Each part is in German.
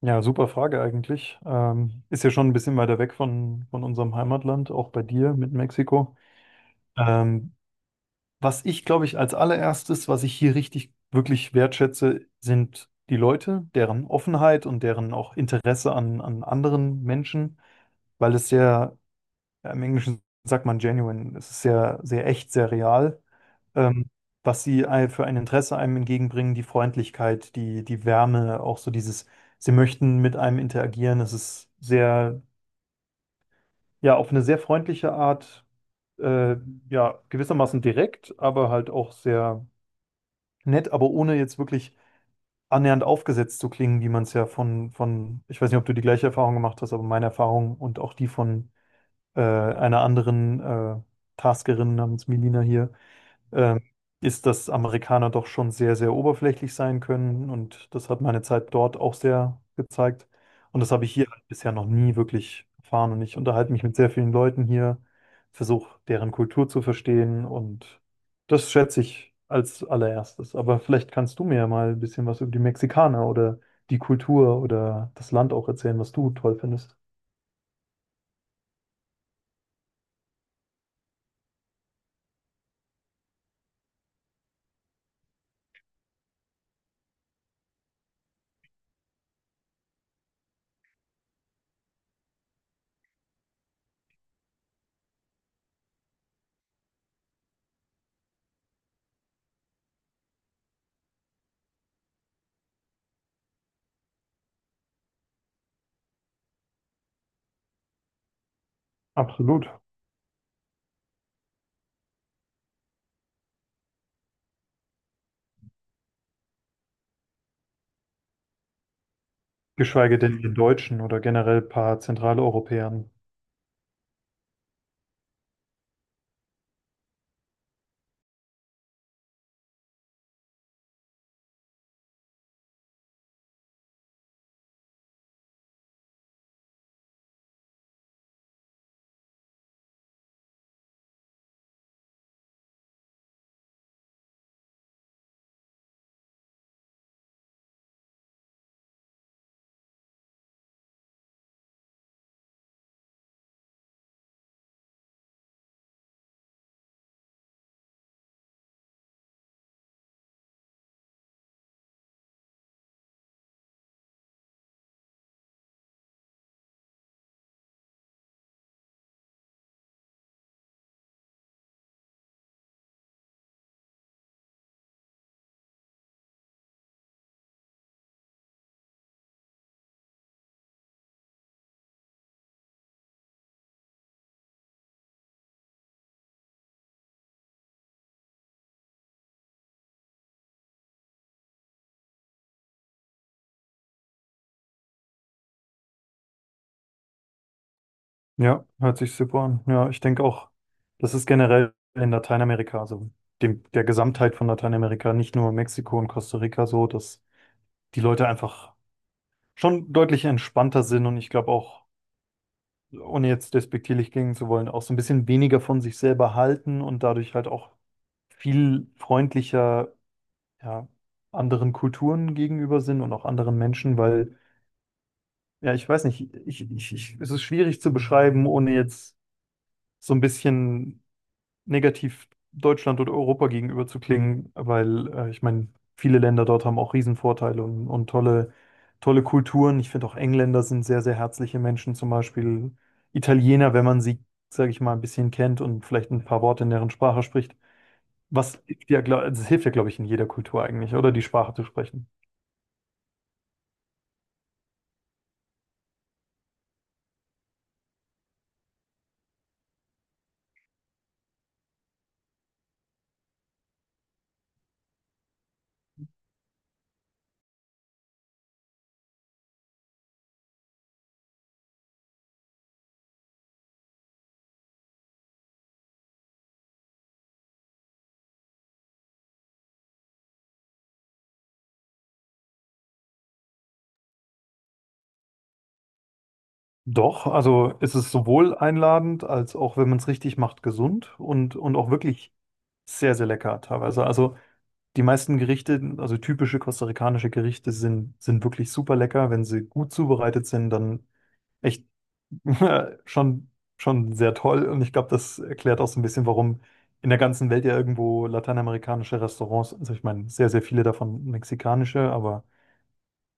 Ja, super Frage eigentlich. Ist ja schon ein bisschen weiter weg von unserem Heimatland, auch bei dir mit Mexiko. Ähm, Was ich, glaube ich, als allererstes, was ich hier richtig wirklich wertschätze, sind die Leute, deren Offenheit und deren auch Interesse an anderen Menschen, weil es sehr, ja, im Englischen sagt man genuine, es ist sehr, sehr echt, sehr real ähm, was sie für ein Interesse einem entgegenbringen, die Freundlichkeit, die Wärme, auch so dieses, sie möchten mit einem interagieren. Es ist sehr, ja, auf eine sehr freundliche Art, äh, ja, gewissermaßen direkt, aber halt auch sehr nett, aber ohne jetzt wirklich annähernd aufgesetzt zu klingen, wie man es ja ich weiß nicht, ob du die gleiche Erfahrung gemacht hast, aber meine Erfahrung und auch die von einer anderen Taskerin namens Melina hier ähm, ist, dass Amerikaner doch schon sehr, sehr oberflächlich sein können. Und das hat meine Zeit dort auch sehr gezeigt. Und das habe ich hier halt bisher noch nie wirklich erfahren. Und ich unterhalte mich mit sehr vielen Leuten hier, versuche deren Kultur zu verstehen. Und das schätze ich als allererstes. Aber vielleicht kannst du mir ja mal ein bisschen was über die Mexikaner oder die Kultur oder das Land auch erzählen, was du toll findest. Absolut. Geschweige denn den Deutschen oder generell ein paar Zentraleuropäern. Ja, hört sich super an. Ja, ich denke auch, das ist generell in Lateinamerika, also der Gesamtheit von Lateinamerika, nicht nur Mexiko und Costa Rica so, dass die Leute einfach schon deutlich entspannter sind und ich glaube auch, ohne jetzt despektierlich klingen zu wollen, auch so ein bisschen weniger von sich selber halten und dadurch halt auch viel freundlicher, ja, anderen Kulturen gegenüber sind und auch anderen Menschen, weil, ja, ich weiß nicht, ich, es ist schwierig zu beschreiben, ohne jetzt so ein bisschen negativ Deutschland oder Europa gegenüber zu klingen, weil ich meine, viele Länder dort haben auch Riesenvorteile und tolle, tolle Kulturen. Ich finde auch Engländer sind sehr, sehr herzliche Menschen, zum Beispiel Italiener, wenn man sie, sage ich mal, ein bisschen kennt und vielleicht ein paar Worte in deren Sprache spricht. Was hilft ja, glaub, das hilft ja, glaube ich, in jeder Kultur eigentlich, oder die Sprache zu sprechen. Doch, also es ist sowohl einladend als auch, wenn man es richtig macht, gesund und auch wirklich sehr, sehr lecker teilweise. Also die meisten Gerichte, also typische kostarikanische Gerichte, sind wirklich super lecker. Wenn sie gut zubereitet sind, dann echt schon, schon sehr toll. Und ich glaube, das erklärt auch so ein bisschen, warum in der ganzen Welt ja irgendwo lateinamerikanische Restaurants, also ich meine, sehr, sehr viele davon mexikanische, aber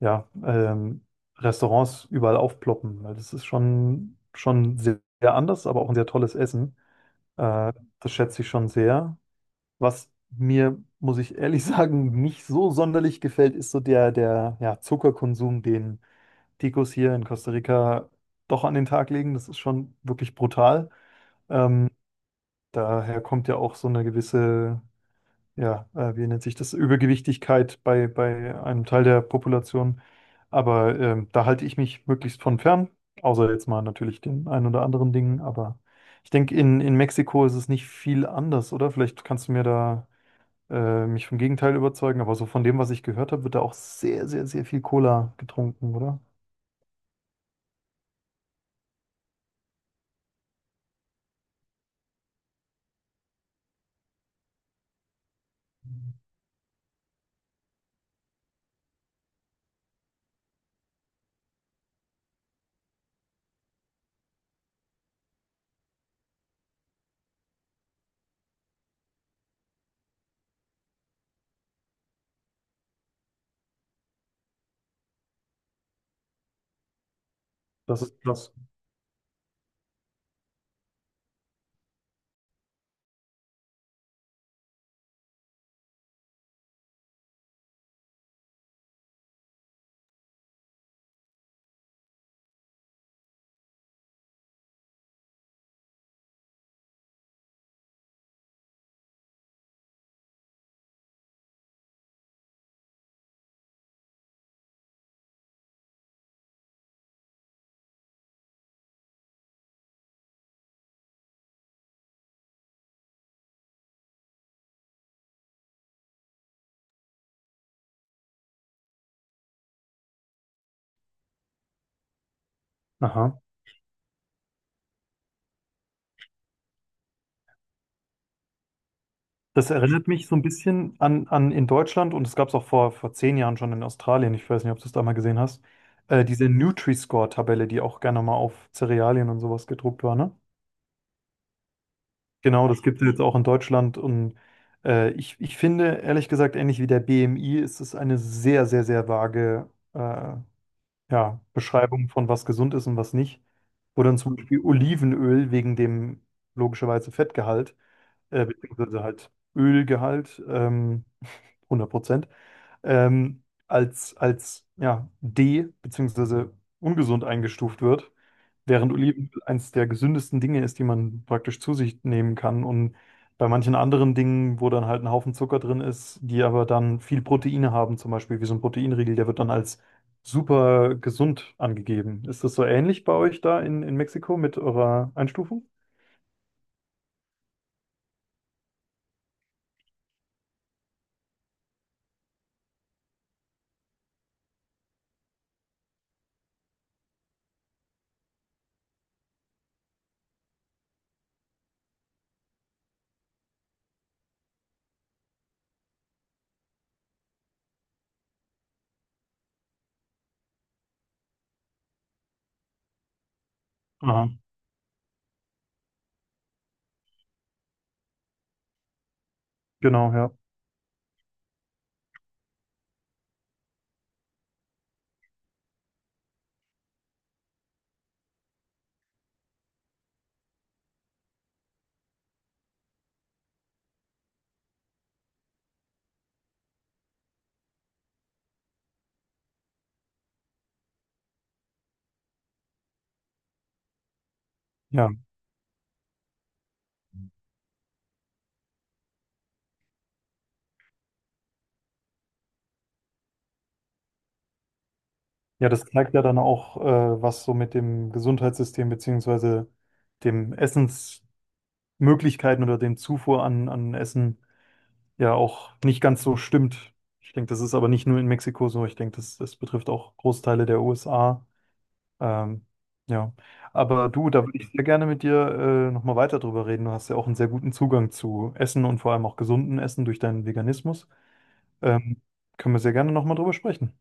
ja, Restaurants überall aufploppen, weil das ist schon, schon sehr, sehr anders, aber auch ein sehr tolles Essen. Äh, Das schätze ich schon sehr. Was mir, muss ich ehrlich sagen, nicht so sonderlich gefällt, ist so der ja, Zuckerkonsum, den Ticos hier in Costa Rica doch an den Tag legen. Das ist schon wirklich brutal. Ähm, Daher kommt ja auch so eine gewisse, ja, wie nennt sich das, Übergewichtigkeit bei einem Teil der Population. Aber da halte ich mich möglichst von fern, außer jetzt mal natürlich den ein oder anderen Dingen. Aber ich denke, in Mexiko ist es nicht viel anders, oder? Vielleicht kannst du mir da mich vom Gegenteil überzeugen, aber so von dem, was ich gehört habe, wird da auch sehr, sehr, sehr viel Cola getrunken, oder? Das ist das. Aha. Das erinnert mich so ein bisschen an in Deutschland und es gab es auch vor 10 Jahren schon in Australien, ich weiß nicht, ob du es da mal gesehen hast, diese Nutri-Score-Tabelle, die auch gerne mal auf Cerealien und sowas gedruckt war, ne? Genau, das gibt es jetzt auch in Deutschland und ich, ich finde, ehrlich gesagt, ähnlich wie der BMI ist es eine sehr, sehr, sehr vage ja, Beschreibungen von was gesund ist und was nicht, wo dann zum Beispiel Olivenöl wegen dem logischerweise Fettgehalt, beziehungsweise halt Ölgehalt, 100%, als ja, D, beziehungsweise ungesund eingestuft wird. Während Olivenöl eines der gesündesten Dinge ist, die man praktisch zu sich nehmen kann. Und bei manchen anderen Dingen, wo dann halt ein Haufen Zucker drin ist, die aber dann viel Proteine haben, zum Beispiel wie so ein Proteinriegel, der wird dann als super gesund angegeben. Ist das so ähnlich bei euch da in Mexiko mit eurer Einstufung? Aha. Genau, ja. Ja. Ja, das zeigt ja dann auch, was so mit dem Gesundheitssystem beziehungsweise dem Essensmöglichkeiten oder dem Zufuhr an Essen ja auch nicht ganz so stimmt. Ich denke, das ist aber nicht nur in Mexiko so. Ich denke, das betrifft auch Großteile der USA. Ähm, ja, aber du, da würde ich sehr gerne mit dir nochmal weiter drüber reden. Du hast ja auch einen sehr guten Zugang zu Essen und vor allem auch gesunden Essen durch deinen Veganismus. Ähm, Können wir sehr gerne nochmal drüber sprechen.